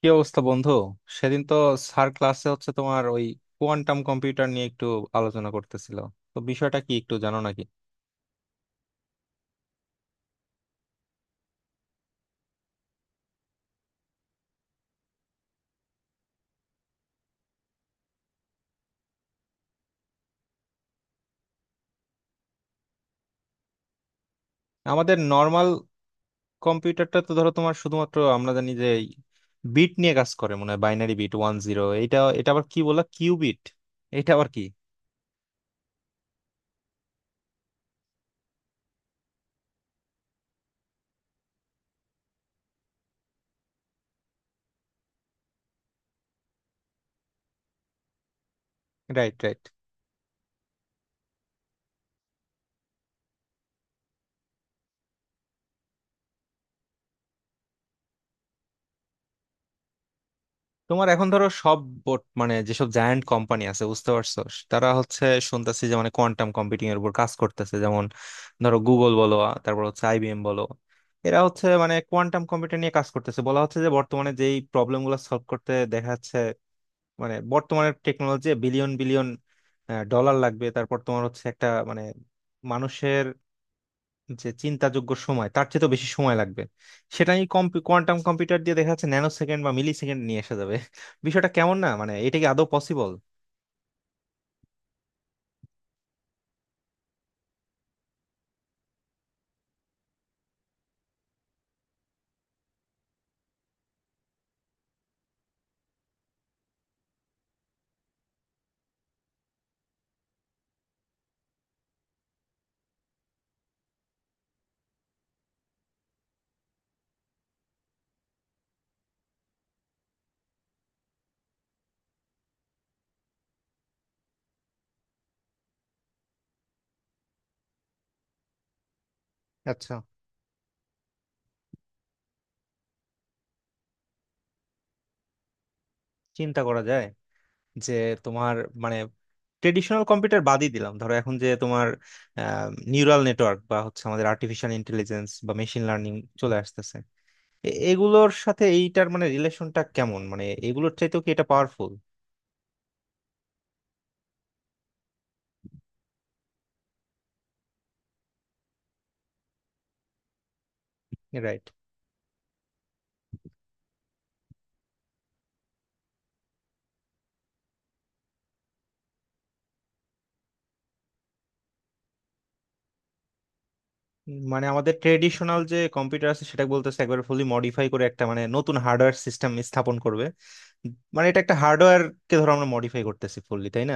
কি অবস্থা, বন্ধু? সেদিন তো স্যার ক্লাসে হচ্ছে তোমার ওই কোয়ান্টাম কম্পিউটার নিয়ে একটু আলোচনা করতেছিল। তো বিষয়টা কি একটু জানো নাকি? আমাদের নর্মাল কম্পিউটারটা তো ধরো তোমার শুধুমাত্র আমরা জানি যে বিট নিয়ে কাজ করে, মনে হয় বাইনারি বিট ওয়ান জিরো। এটা এটা আবার কি বলা কিউবিট? এটা আবার কি? Right, right. তোমার এখন ধরো সব বোর্ড, মানে যেসব জায়ান্ট কোম্পানি আছে, বুঝতে পারছো, তারা হচ্ছে শুনতেছি যে মানে কোয়ান্টাম কম্পিউটিং এর উপর কাজ করতেছে। যেমন ধরো গুগল বলো, তারপর হচ্ছে আইবিএম বলো, এরা হচ্ছে মানে কোয়ান্টাম কম্পিউটার নিয়ে কাজ করতেছে। বলা হচ্ছে যে বর্তমানে যেই প্রবলেম গুলো সলভ করতে দেখা যাচ্ছে, মানে বর্তমানের টেকনোলজি বিলিয়ন বিলিয়ন ডলার লাগবে, তারপর তোমার হচ্ছে একটা মানে মানুষের যে চিন্তাযোগ্য সময়, তার চেয়ে তো বেশি সময় লাগবে, সেটা এই কোয়ান্টাম কম্পিউটার দিয়ে দেখা যাচ্ছে ন্যানো সেকেন্ড বা মিলি সেকেন্ড নিয়ে আসা যাবে। বিষয়টা কেমন না? মানে এটা কি আদৌ পসিবল? আচ্ছা, চিন্তা করা যায় যে তোমার মানে ট্রেডিশনাল কম্পিউটার বাদই দিলাম, ধরো এখন যে তোমার নিউরাল নেটওয়ার্ক বা হচ্ছে আমাদের আর্টিফিশিয়াল ইন্টেলিজেন্স বা মেশিন লার্নিং চলে আসতেছে, এগুলোর সাথে এইটার মানে রিলেশনটা কেমন? মানে এগুলোর চাইতেও কি এটা পাওয়ারফুল? রাইট। মানে আমাদের ট্রেডিশনাল যে কম্পিউটার আছে সেটা বলতেছে একবার ফুলি মডিফাই করে একটা মানে নতুন হার্ডওয়্যার সিস্টেম স্থাপন করবে। মানে এটা একটা হার্ডওয়্যার কে ধরো আমরা মডিফাই করতেছি ফুললি, তাই না?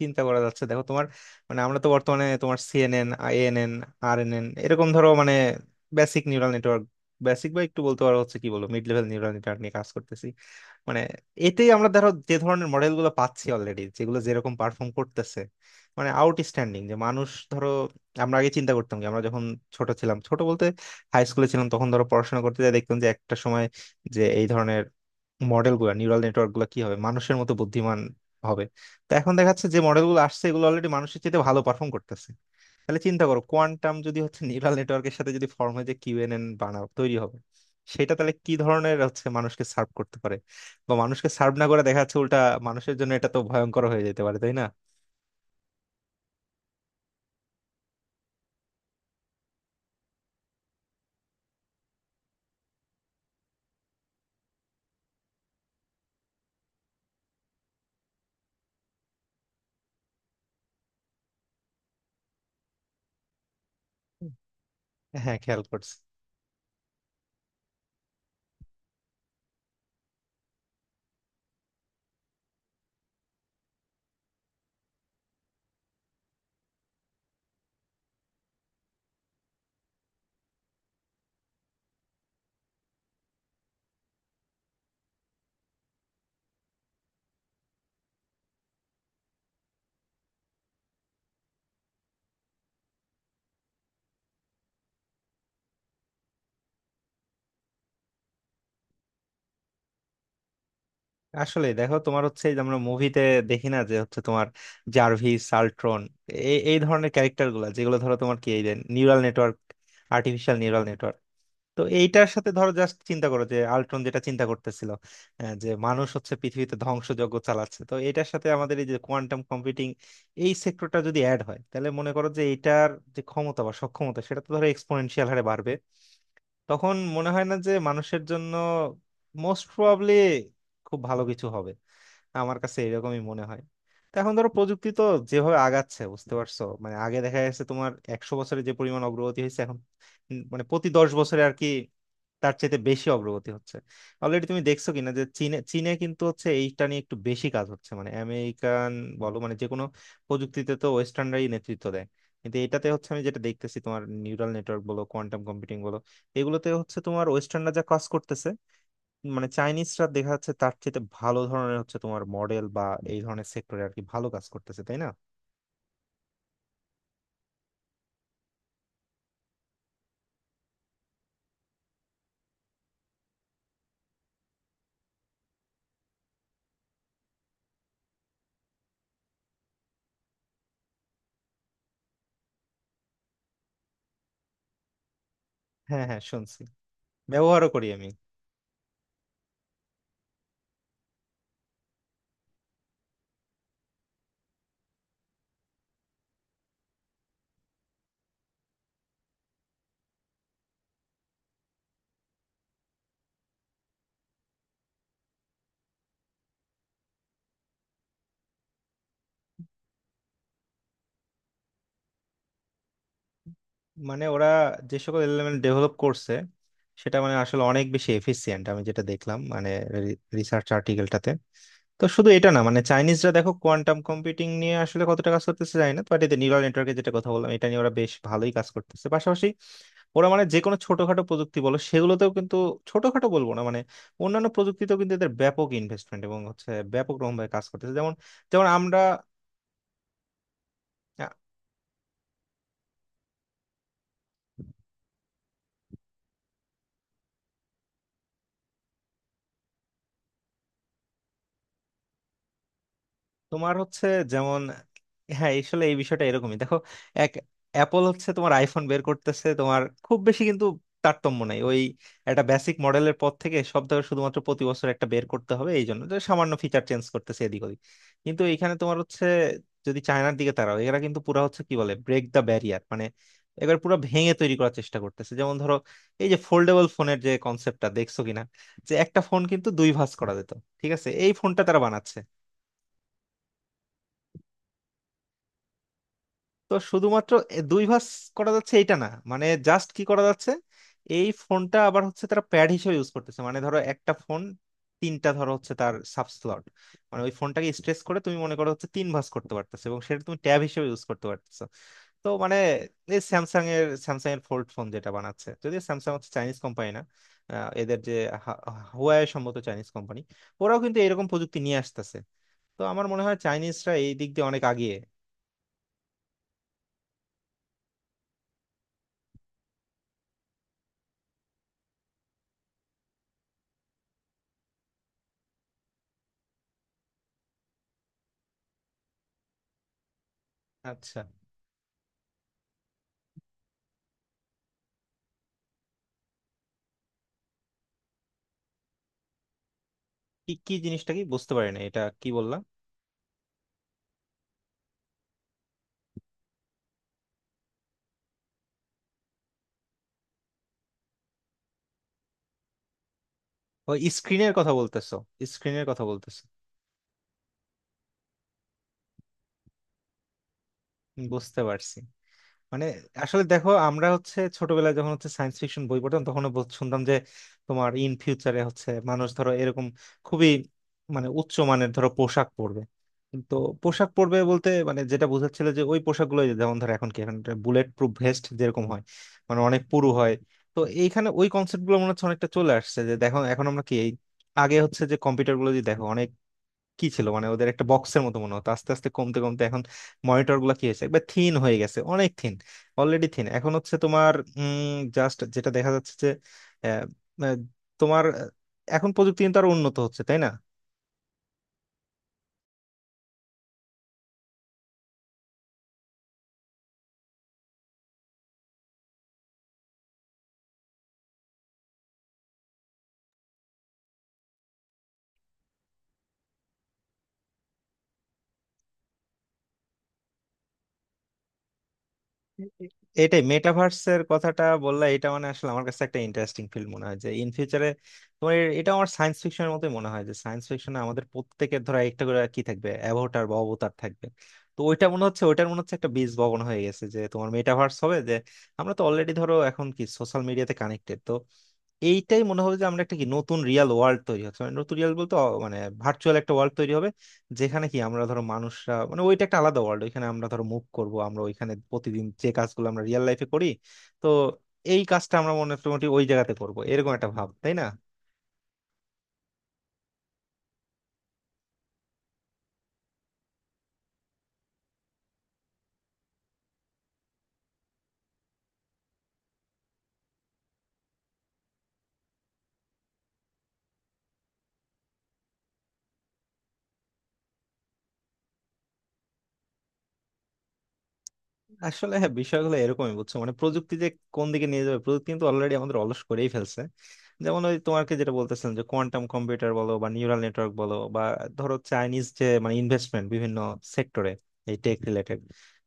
চিন্তা করা যাচ্ছে, দেখো তোমার মানে আমরা তো বর্তমানে তোমার সিএনএন, আইএনএন, আরএনএন এরকম ধরো মানে বেসিক নিউরাল নেটওয়ার্ক, বেসিক বা একটু বলতে পারো হচ্ছে কি বলবো মিড লেভেল নিউরাল নেটওয়ার্ক নিয়ে কাজ করতেছি। মানে এতেই আমরা ধরো যে ধরনের মডেল গুলো পাচ্ছি অলরেডি, যেগুলো যেরকম পারফর্ম করতেছে, মানে আউটস্ট্যান্ডিং, যে মানুষ ধরো আমরা আগে চিন্তা করতাম, কি আমরা যখন ছোট ছিলাম, ছোট বলতে হাই স্কুলে ছিলাম তখন, ধরো পড়াশোনা করতে যাই, দেখতাম যে একটা সময় যে এই ধরনের মডেল গুলা, নিউরাল নেটওয়ার্ক গুলো, কি হবে মানুষের মতো বুদ্ধিমান হবে? তো এখন দেখা যাচ্ছে যে মডেল গুলো আসছে, এগুলো অলরেডি মানুষের চেয়ে ভালো পারফর্ম করতেছে। তাহলে চিন্তা করো, কোয়ান্টাম যদি হচ্ছে নিউরাল নেটওয়ার্কের সাথে যদি ফর্ম হয়, যে কিউএনএন বানাও, তৈরি হবে, সেটা তাহলে কি ধরনের হচ্ছে মানুষকে সার্ভ করতে পারে, বা মানুষকে সার্ভ না করে দেখা যাচ্ছে উল্টা মানুষের জন্য এটা তো ভয়ঙ্কর হয়ে যেতে পারে, তাই না? হ্যাঁ, খেয়াল করছি। আসলে দেখো তোমার হচ্ছে এই যে আমরা মুভিতে দেখি না যে হচ্ছে তোমার জার্ভিস, সালট্রন, এই এই ধরনের ক্যারেক্টার গুলা যেগুলো ধরো তোমার কি এই যে neural network, artificial neural network. তো এইটার সাথে ধরো জাস্ট চিন্তা করো যে আল্ট্রন যেটা চিন্তা করতেছিল, যে মানুষ হচ্ছে পৃথিবীতে ধ্বংসযজ্ঞ চালাচ্ছে, তো এটার সাথে আমাদের এই যে কোয়ান্টাম কম্পিউটিং এই সেক্টরটা যদি অ্যাড হয়, তাহলে মনে করো যে এটার যে ক্ষমতা বা সক্ষমতা সেটা তো ধরো এক্সপোনেনশিয়াল হারে বাড়বে। তখন মনে হয় না যে মানুষের জন্য মোস্ট প্রবাবলি খুব ভালো কিছু হবে, আমার কাছে এরকমই মনে হয়। তো এখন ধরো প্রযুক্তি তো যেভাবে আগাচ্ছে, বুঝতে পারছো, মানে আগে দেখা যাচ্ছে তোমার 100 বছরে যে পরিমাণ অগ্রগতি হয়েছে, এখন মানে প্রতি 10 বছরে আর কি তার চাইতে বেশি অগ্রগতি হচ্ছে। অলরেডি তুমি দেখছো কিনা যে চীনে চীনে কিন্তু হচ্ছে এইটা নিয়ে একটু বেশি কাজ হচ্ছে মানে আমেরিকান বলো, মানে যে কোনো প্রযুক্তিতে তো ওয়েস্টার্নরাই নেতৃত্ব দেয়, কিন্তু এটাতে হচ্ছে আমি যেটা দেখতেছি তোমার নিউরাল নেটওয়ার্ক বলো, কোয়ান্টাম কম্পিউটিং বলো, এগুলোতে হচ্ছে তোমার ওয়েস্টার্নরা যা কাজ করতেছে মানে চাইনিজরা দেখা যাচ্ছে তার চেয়ে ভালো ধরনের হচ্ছে তোমার মডেল বা এই ধরনের সেক্টরে আর কি ভালো কাজ করতেছে, তাই না? হ্যাঁ, হ্যাঁ, শুনছি। ব্যবহারও করি আমি। মানে ওরা যে সকল এলিমেন্ট ডেভেলপ করছে সেটা মানে আসলে অনেক বেশি এফিসিয়েন্ট, আমি যেটা দেখলাম মানে রিসার্চ আর্টিকেলটাতে। তো শুধু এটা না, মানে চাইনিজরা দেখো কোয়ান্টাম কম্পিউটিং নিয়ে আসলে কতটা কাজ করতেছে জানি না, বাট এতে নিউরাল নেটওয়ার্কের যেটা কথা বললাম এটা নিয়ে ওরা বেশ ভালোই কাজ করতেছে। পাশাপাশি ওরা মানে যে কোনো ছোটখাটো প্রযুক্তি বলো সেগুলোতেও কিন্তু, ছোটখাটো বলবো না, মানে অন্যান্য প্রযুক্তিতেও কিন্তু এদের ব্যাপক ইনভেস্টমেন্ট এবং হচ্ছে ব্যাপক রকমভাবে কাজ করতেছে। যেমন, যেমন আমরা, তোমার হচ্ছে যেমন, হ্যাঁ আসলে এই বিষয়টা এরকমই দেখো। এক, অ্যাপল হচ্ছে তোমার আইফোন বের করতেছে, তোমার খুব বেশি কিন্তু তারতম্য নাই, ওই একটা বেসিক মডেলের পর থেকে সব, ধরো শুধুমাত্র প্রতি বছর একটা বের করতে হবে এই জন্য যে সামান্য ফিচার চেঞ্জ করতেছে এদিক ওদিক। কিন্তু এখানে তোমার হচ্ছে, যদি চায়নার দিকে তাকাও, এরা কিন্তু পুরা হচ্ছে কি বলে, ব্রেক দ্য ব্যারিয়ার, মানে এবার পুরো ভেঙে তৈরি করার চেষ্টা করতেছে। যেমন ধরো এই যে ফোল্ডেবল ফোনের যে কনসেপ্টটা, দেখছো কিনা যে একটা ফোন কিন্তু দুই ভাঁজ করা যেত, ঠিক আছে, এই ফোনটা তারা বানাচ্ছে। তো শুধুমাত্র দুই ভাঁজ করা যাচ্ছে এইটা না, মানে জাস্ট কি করা যাচ্ছে, এই ফোনটা আবার হচ্ছে তারা প্যাড হিসেবে ইউজ করতেছে। মানে ধরো একটা ফোন, তিনটা ধরো হচ্ছে তার সাব স্লট, মানে ওই ফোনটাকে স্ট্রেস করে তুমি মনে করো হচ্ছে তিন ভাঁজ করতে পারতেছো এবং সেটা তুমি ট্যাব হিসেবে ইউজ করতে পারতেছো। তো মানে এই স্যামসাং এর ফোল্ড ফোন যেটা বানাচ্ছে, যদিও স্যামসাং হচ্ছে চাইনিজ কোম্পানি না, এদের যে হা- হুয়াওয়ে সম্ভবত চাইনিজ কোম্পানি, ওরাও কিন্তু এরকম প্রযুক্তি নিয়ে আসতেছে। তো আমার মনে হয় চাইনিজরা এই দিক দিয়ে অনেক আগিয়ে। আচ্ছা। কি, কি জিনিসটা, কি বুঝতে পারি না, এটা কি বললাম? ও, স্ক্রিনের কথা বলতেছো। স্ক্রিনের কথা বলতেছো? বুঝতে পারছি। মানে আসলে দেখো, আমরা হচ্ছে ছোটবেলায় যখন হচ্ছে সায়েন্স ফিকশন বই পড়তাম, তখন শুনতাম যে তোমার ইন ফিউচারে হচ্ছে মানুষ ধরো এরকম খুবই মানে উচ্চ মানের ধরো পোশাক পরবে। তো পোশাক পরবে বলতে মানে যেটা বোঝাচ্ছিল যে ওই পোশাকগুলো যেমন ধরো এখন কি, এখন বুলেট প্রুফ ভেস্ট যেরকম হয়, মানে অনেক পুরু হয়। তো এইখানে ওই কনসেপ্ট গুলো মনে হচ্ছে অনেকটা চলে আসছে, যে দেখো এখন আমরা কি এই আগে হচ্ছে যে কম্পিউটার গুলো যদি দেখো কি ছিল, মানে ওদের একটা বক্সের মতো মনে হতো, আস্তে আস্তে কমতে কমতে এখন মনিটর গুলো কি হয়েছে একবার থিন হয়ে গেছে, অনেক থিন, অলরেডি থিন। এখন হচ্ছে তোমার জাস্ট যেটা দেখা যাচ্ছে যে আহ, আহ, তোমার আহ, এখন প্রযুক্তি কিন্তু আরো উন্নত হচ্ছে, তাই না? এ- এটাই মেটাভার্সের কথাটা বললা, এটা মানে আসলে আমার কাছে একটা ইন্টারেস্টিং ফিল্ড মনে হয় যে ইন ফিউচারে তোমার এটা আমার সায়েন্স ফিকশনের মতোই মনে হয় যে সায়েন্স ফিকশনে আমাদের প্রত্যেকের ধরো একটা করে কি থাকবে, অ্যাভাটার বা অবতার থাকবে। তো ওইটা মনে হচ্ছে, ওইটার মনে হচ্ছে একটা বীজ বপন হয়ে গেছে যে তোমার মেটাভার্স হবে যে আমরা তো অলরেডি ধরো এখন কি সোশ্যাল মিডিয়াতে কানেক্টেড। তো এইটাই মনে হবে যে আমরা একটা কি নতুন রিয়াল ওয়ার্ল্ড তৈরি হচ্ছে, মানে নতুন রিয়াল বলতে মানে ভার্চুয়াল একটা ওয়ার্ল্ড তৈরি হবে, যেখানে কি আমরা ধরো মানুষরা, মানে ওইটা একটা আলাদা ওয়ার্ল্ড, ওইখানে আমরা ধরো মুভ করব, আমরা ওইখানে প্রতিদিন যে কাজগুলো আমরা রিয়েল লাইফে করি, তো এই কাজটা আমরা মোটামুটি ওই জায়গাতে করব, এরকম একটা ভাব, তাই না? আসলে হ্যাঁ, বিষয়গুলো এরকমই, বুঝছো মানে প্রযুক্তি যে কোন দিকে নিয়ে যাবে, প্রযুক্তি কিন্তু অলরেডি আমাদের অলস করেই ফেলছে। যেমন ওই তোমাকে যেটা বলতেছিলাম যে কোয়ান্টাম কম্পিউটার বলো বা নিউরাল নেটওয়ার্ক বলো বা ধরো চাইনিজ যে মানে ইনভেস্টমেন্ট বিভিন্ন সেক্টরে, এই টেক রিলেটেড,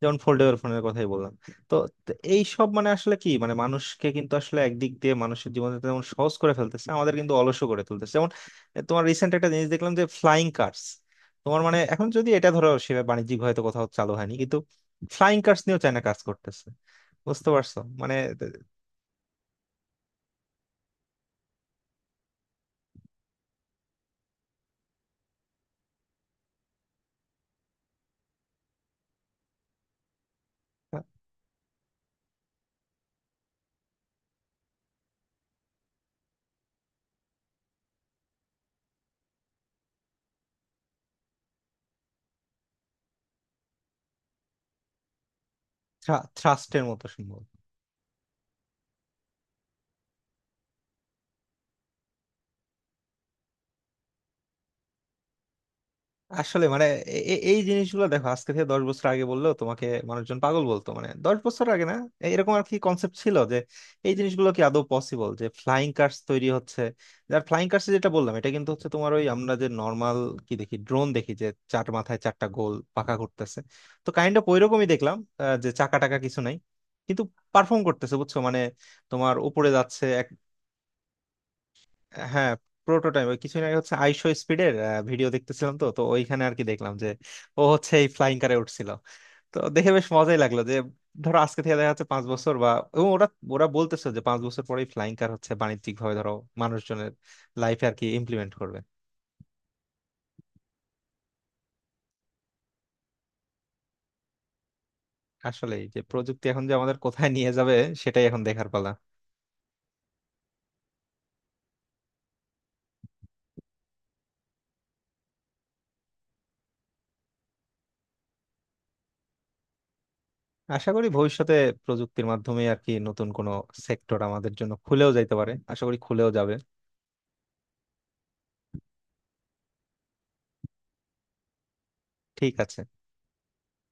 যেমন ফোল্ডেবল ফোনের কথাই বললাম। তো তো এই সব মানে আসলে কি, মানে মানুষকে কিন্তু আসলে একদিক দিয়ে মানুষের জীবনে যেমন সহজ করে ফেলতেছে, আমাদের কিন্তু অলসও করে তুলতেছে। যেমন এ, তোমার রিসেন্ট একটা জিনিস দেখলাম যে ফ্লাইং কার্স, তোমার মানে এখন যদি এটা ধরো সে বাণিজ্যিক হয়তো কোথাও চালু হয়নি, ফ্লাইং কার্স নিয়েও চায়না কাজ করতেছে, বুঝতে পারছো মানে। থ্রাস্টের মতো সম্ভব। আসলে মানে এই জিনিসগুলো দেখো আজকে থেকে 10 বছর আগে বললেও তোমাকে মানুষজন পাগল বলতো, মানে 10 বছর আগে না এরকম আর কি কনসেপ্ট ছিল যে এই জিনিসগুলো কি আদৌ পসিবল যে ফ্লাইং কার্স তৈরি হচ্ছে? যার ফ্লাইং কার্স যেটা বললাম এটা কিন্তু হচ্ছে তোমার ওই আমরা যে নর্মাল কি দেখি, ড্রোন দেখি যে চার মাথায় চারটা গোল পাখা করতেছে, তো কাইন্ড অফ ওইরকমই দেখলাম। যে চাকা টাকা কিছু নাই, কিন্তু পারফর্ম করতেছে, বুঝছো মানে তোমার উপরে যাচ্ছে এক। হ্যাঁ, প্রোটোটাইপ। ওই কিছুদিন আগে হচ্ছে আইশো স্পিডের ভিডিও দেখতেছিলাম, তো তো ওইখানে আর কি দেখলাম যে ও হচ্ছে এই ফ্লাইং কারে উঠছিল। তো দেখে বেশ মজাই লাগলো যে ধরো আজকে থেকে দেখা যাচ্ছে 5 বছর বা, এবং ওরা, ওরা বলতেছে যে 5 বছর পরেই ফ্লাইং কার হচ্ছে বাণিজ্যিক ভাবে ধরো মানুষজনের লাইফে আর কি ইমপ্লিমেন্ট করবে। আসলে যে প্রযুক্তি এখন যে আমাদের কোথায় নিয়ে যাবে সেটাই এখন দেখার পালা। আশা করি ভবিষ্যতে প্রযুক্তির মাধ্যমে আর কি নতুন কোনো সেক্টর আমাদের জন্য খুলেও যাইতে পারে, আশা করি খুলেও যাবে। ঠিক আছে।